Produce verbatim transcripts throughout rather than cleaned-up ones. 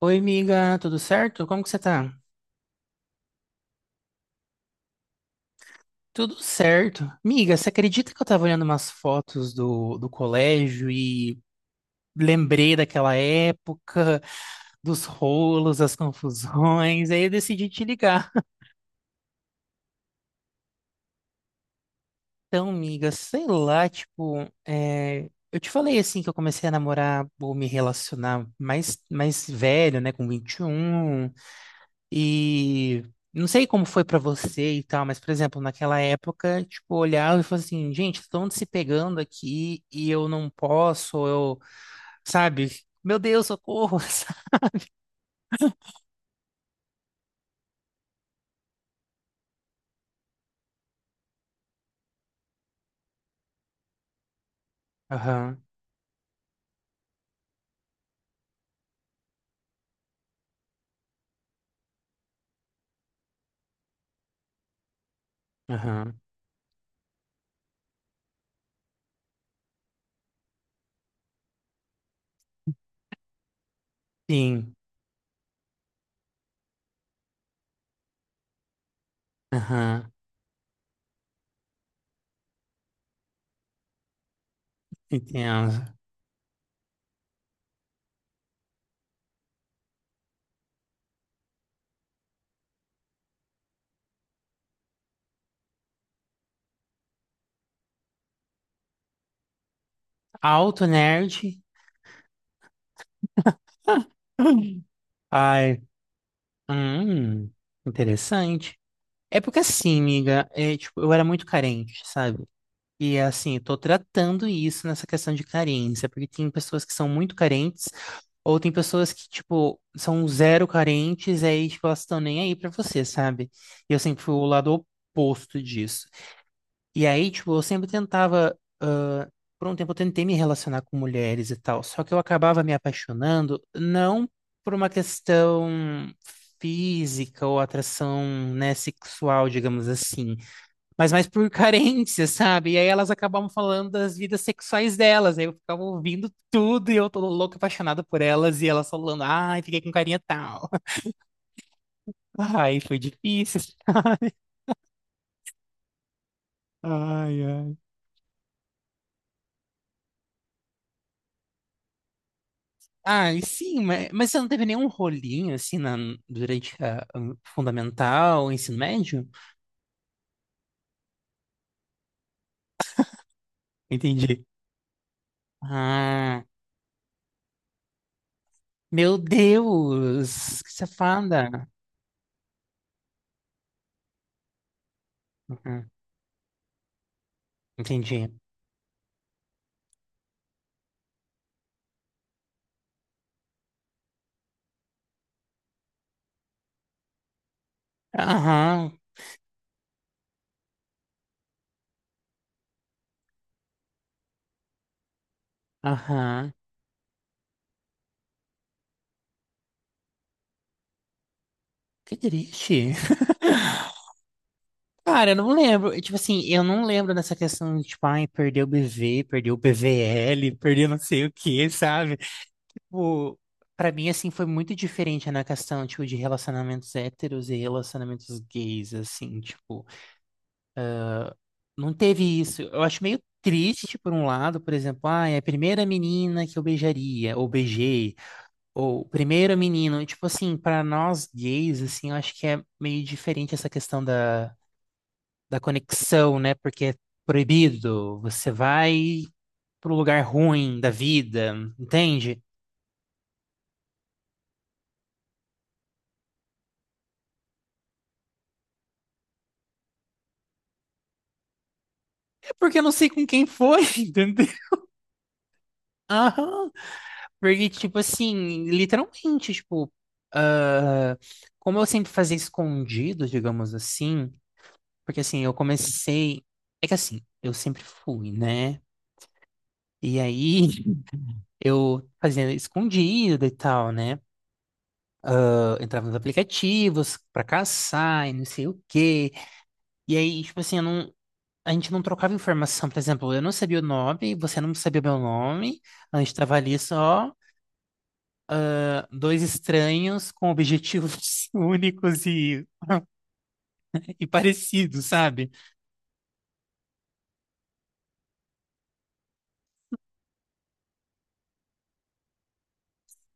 Oi, amiga, tudo certo? Como que você tá? Tudo certo. Miga, você acredita que eu tava olhando umas fotos do, do colégio e lembrei daquela época, dos rolos, das confusões, aí eu decidi te ligar. Então, miga, sei lá, tipo, é, eu te falei assim que eu comecei a namorar ou me relacionar mais, mais velho, né, com vinte e um. E não sei como foi pra você e tal, mas, por exemplo, naquela época, tipo, eu olhava e falava assim, gente, estão se pegando aqui e eu não posso, ou eu, sabe? Meu Deus, socorro! Sabe? Aham, aham, sim, aham, entendo. Alto nerd. Ai, hum, interessante. É porque assim, amiga, é, tipo, eu era muito carente, sabe? E assim, eu tô tratando isso nessa questão de carência, porque tem pessoas que são muito carentes, ou tem pessoas que, tipo, são zero carentes, e aí, tipo, elas estão nem aí pra você, sabe? E eu sempre fui o lado oposto disso. E aí, tipo, eu sempre tentava, ah, por um tempo eu tentei me relacionar com mulheres e tal, só que eu acabava me apaixonando, não por uma questão física ou atração, né, sexual, digamos assim, mas mais por carência, sabe? E aí elas acabavam falando das vidas sexuais delas, aí eu ficava ouvindo tudo e eu tô louca, apaixonada por elas, e elas falando, ai, fiquei com carinha tal. Ai, foi difícil. Ai, ai. Ai, sim, mas, mas você não teve nenhum rolinho, assim, na, durante a, o fundamental, o ensino médio? Entendi. Ah, meu Deus, que safada. Uhum, entendi. Aham, aham, que triste. Cara, eu não lembro. Tipo assim, eu não lembro dessa questão de, tipo, ai, perdeu o B V, perdeu o P V L, perdeu não sei o que, sabe? Tipo, pra mim, assim, foi muito diferente na questão, tipo, de relacionamentos héteros e relacionamentos gays, assim, tipo, não teve isso. Eu acho meio triste, tipo, por um lado, por exemplo, ai, a primeira menina que eu beijaria, ou beijei, ou o primeiro menino, tipo assim, pra nós gays, assim, eu acho que é meio diferente essa questão da da conexão, né? Porque é proibido, você vai pro lugar ruim da vida, entende? É porque eu não sei com quem foi, entendeu? Aham. Porque, tipo assim, literalmente, tipo, ah, como eu sempre fazia escondido, digamos assim, porque assim, eu comecei. É que assim, eu sempre fui, né? E aí eu fazia escondido e tal, né? Eu entrava nos aplicativos pra caçar e não sei o quê. E aí, tipo assim, eu não, a gente não trocava informação, por exemplo, eu não sabia o nome, você não sabia o meu nome, a gente estava ali só ah, dois estranhos com objetivos únicos e, e parecidos, sabe?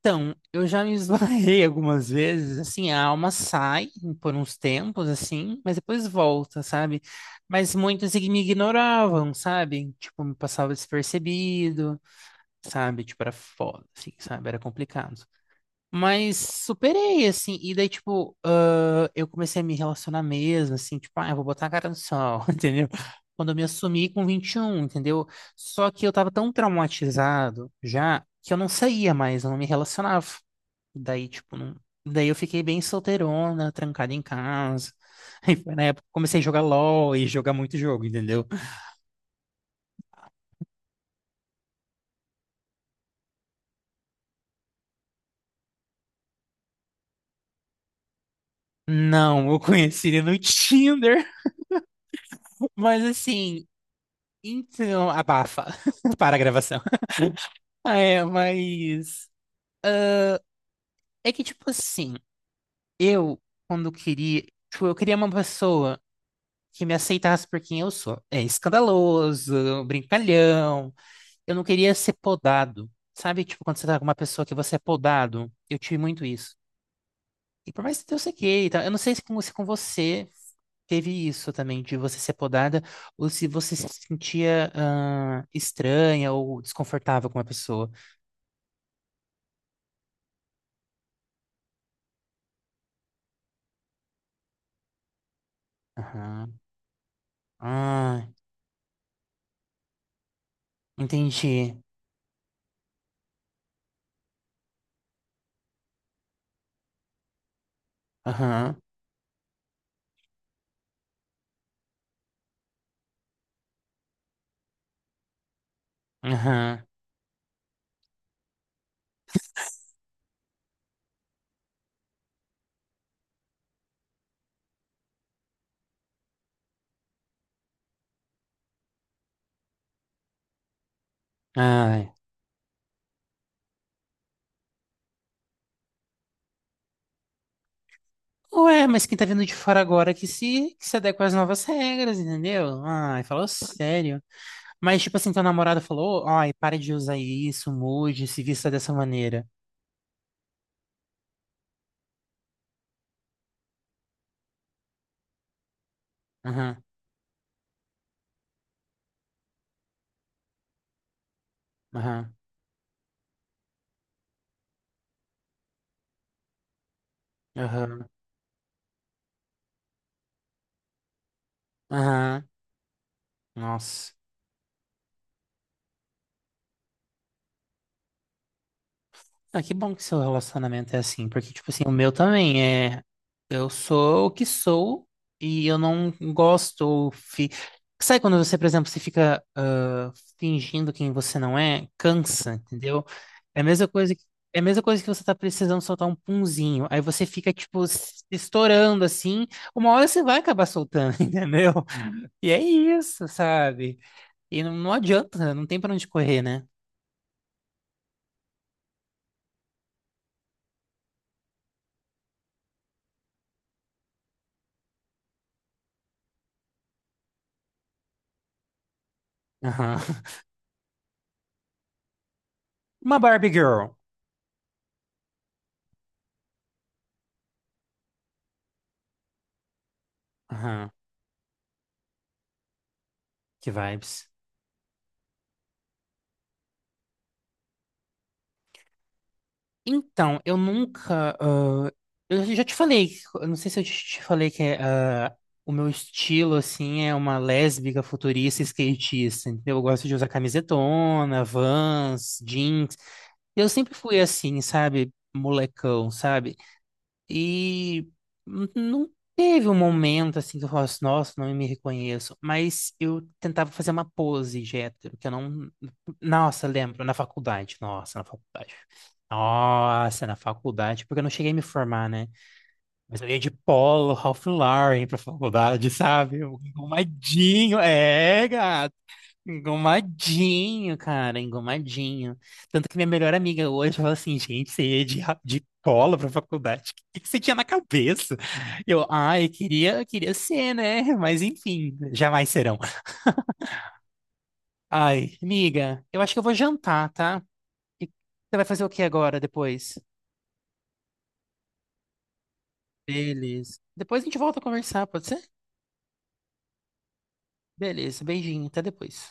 Então, eu já me esbarrei algumas vezes, assim, a alma sai por uns tempos, assim, mas depois volta, sabe? Mas muitos ig- me ignoravam, sabe? Tipo, me passava despercebido, sabe? Tipo, era foda, assim, sabe? Era complicado. Mas superei, assim. E daí, tipo, ah, eu comecei a me relacionar mesmo, assim, tipo, ah, eu vou botar a cara no sol, entendeu? Quando eu me assumi com vinte e um, entendeu? Só que eu tava tão traumatizado já que eu não saía mais, eu não me relacionava. Daí, tipo, não... Daí eu fiquei bem solteirona, trancada em casa. Aí foi na época que eu comecei a jogar LOL e jogar muito jogo, entendeu? Não, eu conheci ele no Tinder. Mas assim, então, abafa. Para a gravação. Ah, é, mas. É que, tipo assim, eu, quando queria. Tipo, eu queria uma pessoa que me aceitasse por quem eu sou. É escandaloso, brincalhão. Eu não queria ser podado. Sabe, tipo, quando você tá com uma pessoa que você é podado? Eu tive muito isso. E por mais que eu sei que, tá? Eu não sei se com, se com você teve isso também, de você ser podada, ou se você se sentia ah, estranha ou desconfortável com uma pessoa. Aham. Ah, entendi. Aham. Aham. Ai. Ué, mas quem tá vindo de fora agora que se, que se adequa às novas regras, entendeu? Ai, falou sério. Mas, tipo assim, teu namorado falou, ai, pare de usar isso, mude, se vista dessa maneira. Aham, aham, aham, aham. Nossa. Ah, que bom que seu relacionamento é assim, porque, tipo assim, o meu também é. Eu sou o que sou e eu não gosto. Ou fi... Sabe quando você, por exemplo, você fica ah, fingindo quem você não é? Cansa, entendeu? É a mesma coisa que, é a mesma coisa que você tá precisando soltar um punzinho. Aí você fica, tipo, se estourando assim. Uma hora você vai acabar soltando, entendeu? E é isso, sabe? E não, não adianta, não tem pra onde correr, né? Aham. Uma Barbie Girl. Aham. Que vibes. Então, eu nunca. Ah, eu já te falei, eu não sei se eu te te falei que é, ah, o meu estilo, assim, é uma lésbica futurista skatista. Entendeu? Eu gosto de usar camisetona, Vans, jeans. Eu sempre fui assim, sabe? Molecão, sabe? E n- não teve um momento assim que eu falasse, nossa, não me reconheço. Mas eu tentava fazer uma pose de hétero, que eu não. Nossa, lembro, na faculdade. Nossa, na faculdade. Nossa, na faculdade, porque eu não cheguei a me formar, né? Mas eu ia de polo, Ralph Lauren pra faculdade, sabe? Eu- arrumadinho. É, engomadinho, cara, engomadinho. Tanto que minha melhor amiga hoje falou assim, gente, você ia de, ra- de polo pra faculdade? O que que você tinha na cabeça? Eu, ai, queria, queria ser, né? Mas enfim, jamais serão. Ai, amiga, eu acho que eu vou jantar, tá? E você vai fazer o que agora, depois? Beleza. Depois a gente volta a conversar, pode ser? Beleza, beijinho, até depois.